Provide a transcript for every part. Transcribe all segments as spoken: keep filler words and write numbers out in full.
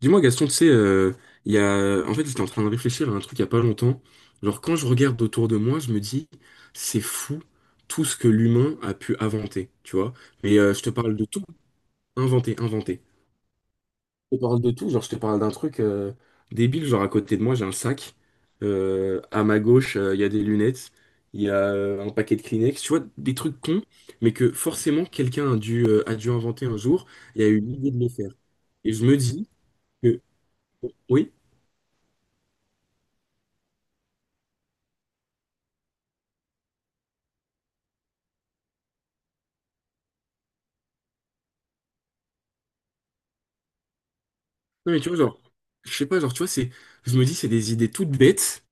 Dis-moi Gaston, tu sais, euh, il y a... en fait j'étais en train de réfléchir à un truc il y a pas longtemps. Genre quand je regarde autour de moi, je me dis, c'est fou tout ce que l'humain a pu inventer, tu vois. Mais euh, je te parle de tout, inventer, inventer. Je te parle de tout, genre je te parle d'un truc euh, débile, genre à côté de moi j'ai un sac. Euh, à ma gauche euh, il y a des lunettes, il y a euh, un paquet de Kleenex, tu vois, des trucs cons, mais que forcément quelqu'un a dû, euh, a dû inventer un jour et a eu l'idée de le faire. Et je me dis que... Oui? Non, mais tu vois, genre, je sais pas, genre, tu vois, c'est, je me dis, c'est des idées toutes bêtes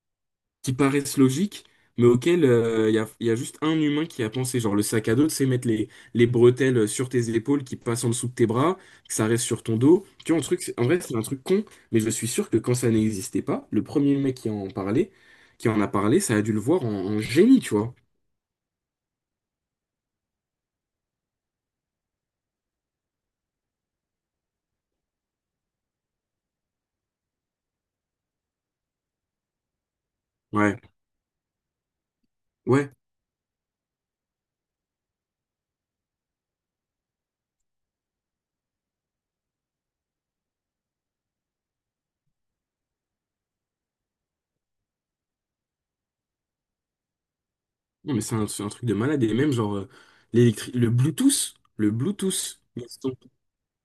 qui paraissent logiques, mais auxquelles euh, il y a, y a juste un humain qui a pensé. Genre, le sac à dos, c'est mettre les, les bretelles sur tes épaules qui passent en dessous de tes bras, que ça reste sur ton dos. Tu vois, un truc, c'est- en vrai, c'est un truc con, mais je suis sûr que quand ça n'existait pas, le premier mec qui en parlait, qui en a parlé, ça a dû le voir en, en génie, tu vois. Ouais, ouais. Non, mais c'est un, c'est un truc de malade. Et même, genre, euh, l'électri- le Bluetooth, le Bluetooth,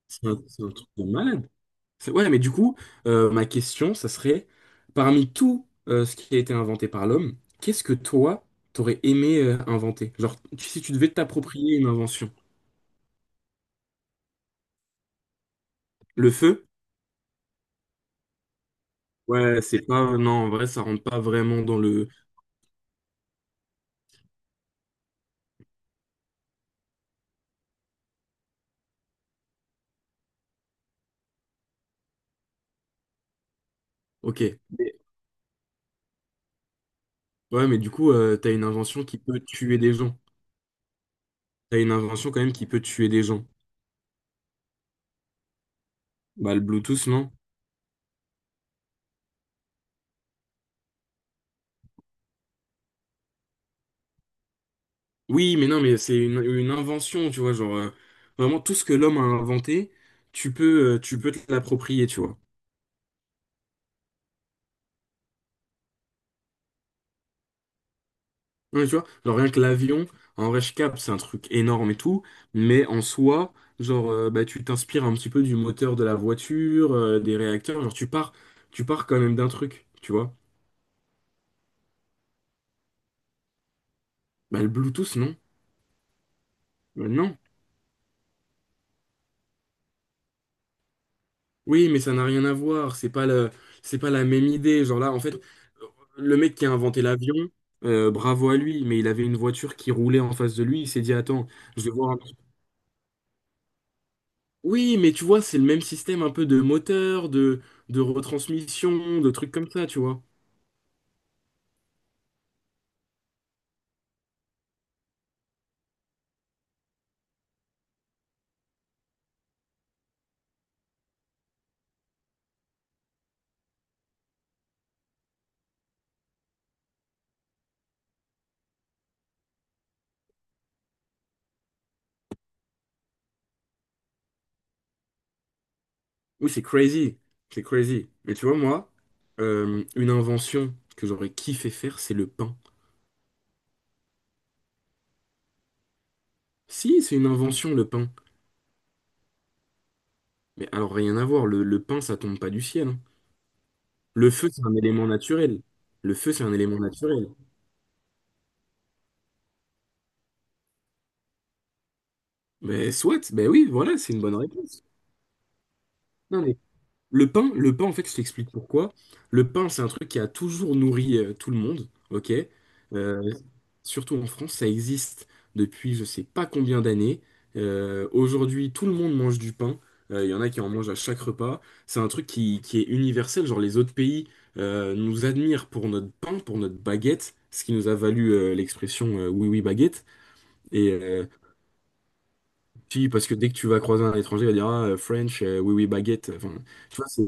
c'est un, c'est un truc de malade. C'est- Ouais, mais du coup, euh, ma question, ça serait, parmi tout euh, ce qui a été inventé par l'homme, qu'est-ce que toi, t'aurais aimé euh, inventer? Genre, tu- si tu devais t'approprier une invention. Le feu? Ouais, c'est pas... Non, en vrai, ça rentre pas vraiment dans le... Ok. Mais- Ouais, mais du coup, euh, t'as une invention qui peut tuer des gens. T'as une invention quand même qui peut tuer des gens. Bah, le Bluetooth, non? Oui, mais non, mais c'est une, une invention, tu vois, genre... euh, vraiment, tout ce que l'homme a inventé, tu peux, euh, tu peux te l'approprier, tu vois. Ouais, tu vois, genre rien que l'avion, en vrai, je capte, c'est un truc énorme et tout, mais en soi, genre, euh, bah, tu t'inspires un petit peu du moteur de la voiture, euh, des réacteurs, genre, tu pars, tu pars quand même d'un truc, tu vois. Bah, le Bluetooth, non. Euh, non. Oui, mais ça n'a rien à voir, c'est pas le, c'est pas la même idée. Genre là, en fait, le mec qui a inventé l'avion, euh, bravo à lui, mais il avait une voiture qui roulait en face de lui, il s'est dit, attends, je vais voir un Oui, mais tu vois, c'est le même système un peu de moteur, de, de retransmission, de trucs comme ça, tu vois. Oui, c'est crazy. C'est crazy. Mais tu vois, moi, euh, une invention que j'aurais kiffé faire, c'est le pain. Si, c'est une invention, le pain. Mais alors, rien à voir, le, le pain, ça tombe pas du ciel, hein. Le feu, c'est un élément naturel. Le feu, c'est un élément naturel. Mais soit, ben oui, voilà, c'est une bonne réponse. Non, mais le pain, le pain, en fait, je t'explique pourquoi. Le pain, c'est un truc qui a toujours nourri euh, tout le monde, ok? Euh, surtout en France, ça existe depuis je sais pas combien d'années. Euh, aujourd'hui, tout le monde mange du pain. Euh, Il y en a qui en mangent à chaque repas. C'est un truc qui, qui est universel. Genre, les autres pays euh, nous admirent pour notre pain, pour notre baguette, ce qui nous a valu euh, l'expression euh, oui, oui, baguette. Et, euh, si, parce que dès que tu vas croiser un étranger, il va dire ah, euh, French, euh, oui, oui, baguette. Enfin, tu vois, c'est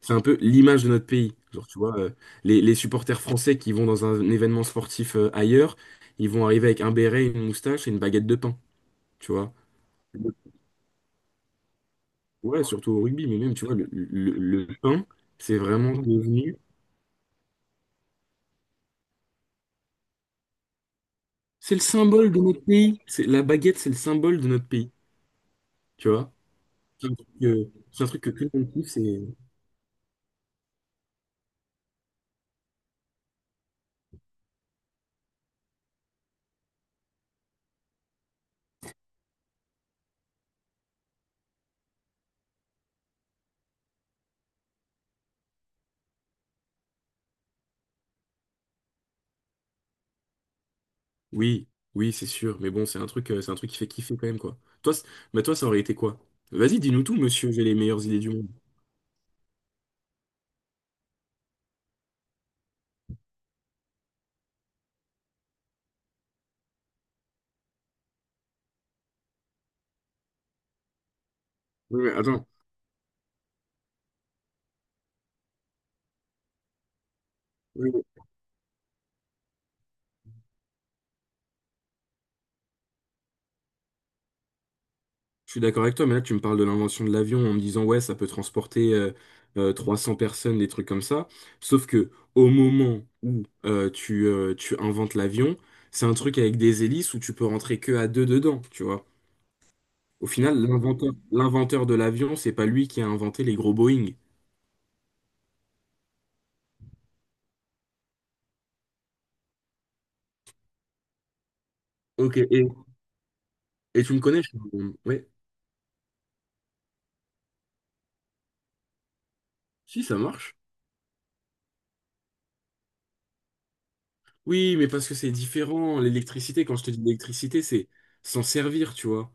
c'est un peu l'image de notre pays. Genre, tu vois, euh, les, les supporters français qui vont dans un, événement sportif euh, ailleurs, ils vont arriver avec un béret, une moustache et une baguette de pain. Tu vois. Ouais, surtout au rugby, mais même, tu vois, le, le- le pain, c'est vraiment devenu. C'est le symbole de notre pays. C'est, la baguette, c'est le symbole de notre pays. Tu vois. C'est un truc que, c'est un truc que tout le monde kiffe, c'est. Oui, oui, c'est sûr. Mais bon, c'est un truc, euh, c'est un truc qui fait kiffer quand même, quoi. Toi, c- bah toi, ça aurait été quoi? Vas-y, dis-nous tout, monsieur, j'ai les meilleures idées du monde. Oui, mais attends, oui, oui. Je suis d'accord avec toi, mais là, tu me parles de l'invention de l'avion en me disant, ouais, ça peut transporter euh, euh, trois cents personnes, des trucs comme ça. Sauf que au moment où euh, tu, euh, tu inventes l'avion, c'est un truc avec des hélices où tu peux rentrer que à deux dedans, tu vois. Au final, l'inventeur, l'inventeur de l'avion, c'est pas lui qui a inventé les gros Boeing. Ok, et, et tu me connais? Je- suis- Ouais, si, ça marche. Oui, mais parce que c'est différent. L'électricité, quand je te dis l'électricité, c'est s'en servir, tu vois.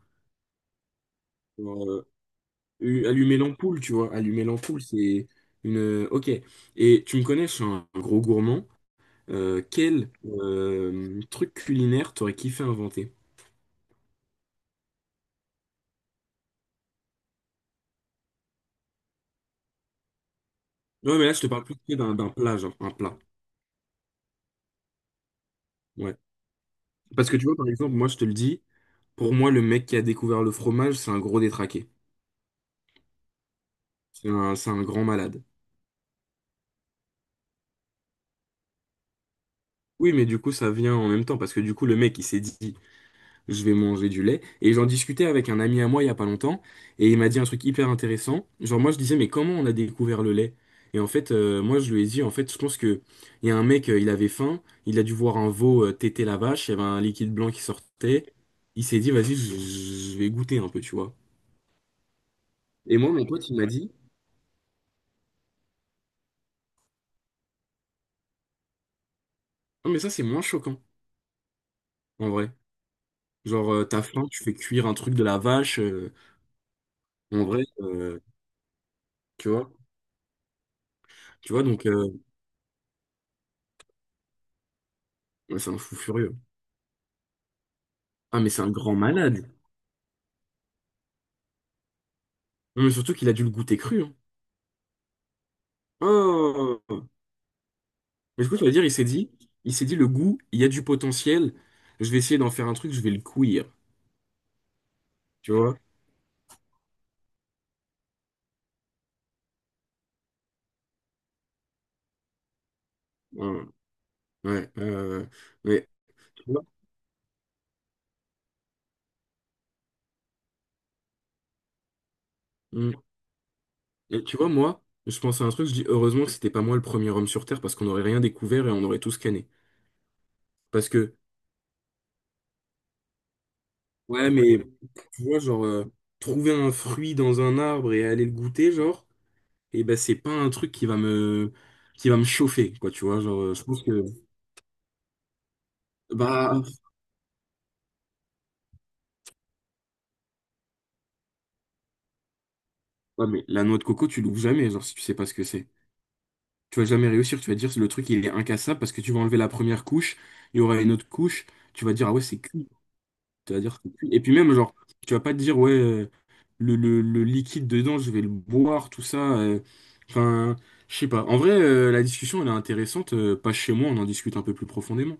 Genre, euh, u- allumer l'ampoule, tu vois. Allumer l'ampoule, c'est une... euh, Ok. Et tu me connais, je suis un gros gourmand. Euh, quel euh, truc culinaire t'aurais kiffé inventer? Ouais, mais là, je te parle plus d'un d'un plat, genre un plat. Ouais. Parce que tu vois, par exemple, moi, je te le dis, pour moi, le mec qui a découvert le fromage, c'est un gros détraqué. C'est un, c'est un grand malade. Oui, mais du coup, ça vient en même temps, parce que du coup, le mec, il s'est dit... Je vais manger du lait. Et j'en discutais avec un ami à moi il y a pas longtemps, et il m'a dit un truc hyper intéressant. Genre moi je disais mais comment on a découvert le lait? Et en fait euh, moi je lui ai dit en fait je pense que il y a un mec euh, il avait faim, il a dû voir un veau euh, téter la vache, il y avait un liquide blanc qui sortait, il s'est dit vas-y je je vais goûter un peu tu vois. Et moi mon pote il m'a dit non mais ça c'est moins choquant en vrai. Genre euh, t'as faim, tu fais cuire un truc de la vache euh, en vrai euh, tu vois. Tu vois donc euh, ouais, c'est un fou furieux. Ah mais c'est un grand malade. Mais surtout qu'il a dû le goûter cru, hein. Oh. Mais du coup, ça veut dire, il s'est dit, il s'est dit, le goût, il y a du potentiel. Je vais essayer d'en faire un truc, je vais le cuire. Tu vois? Hum, Ouais. Ouais. euh, mais, tu vois, mm. Et tu vois, moi, je pense à un truc, je dis, heureusement que c'était pas moi le premier homme sur Terre parce qu'on n'aurait rien découvert et on aurait tout scanné. Parce que, ouais, mais, tu vois, genre, euh, trouver un fruit dans un arbre et aller le goûter, genre, et ben, c'est pas un truc qui va me, qui va me chauffer, quoi, tu vois. Genre, euh, je pense que. Bah, ouais, mais la noix de coco, tu l'ouvres jamais, genre, si tu sais pas ce que c'est. Tu vas jamais réussir, tu vas dire, le truc, il est incassable parce que tu vas enlever la première couche, il y aura une autre couche, tu vas dire, ah ouais, c'est cuit. Tu vas dire, c'est cuit. Et puis même, genre, tu vas pas te dire, ouais, euh, le, le- le liquide dedans, je vais le boire, tout ça. euh. Enfin, je sais pas. En vrai, euh, la discussion, elle est intéressante. euh, Pas chez moi, on en discute un peu plus profondément.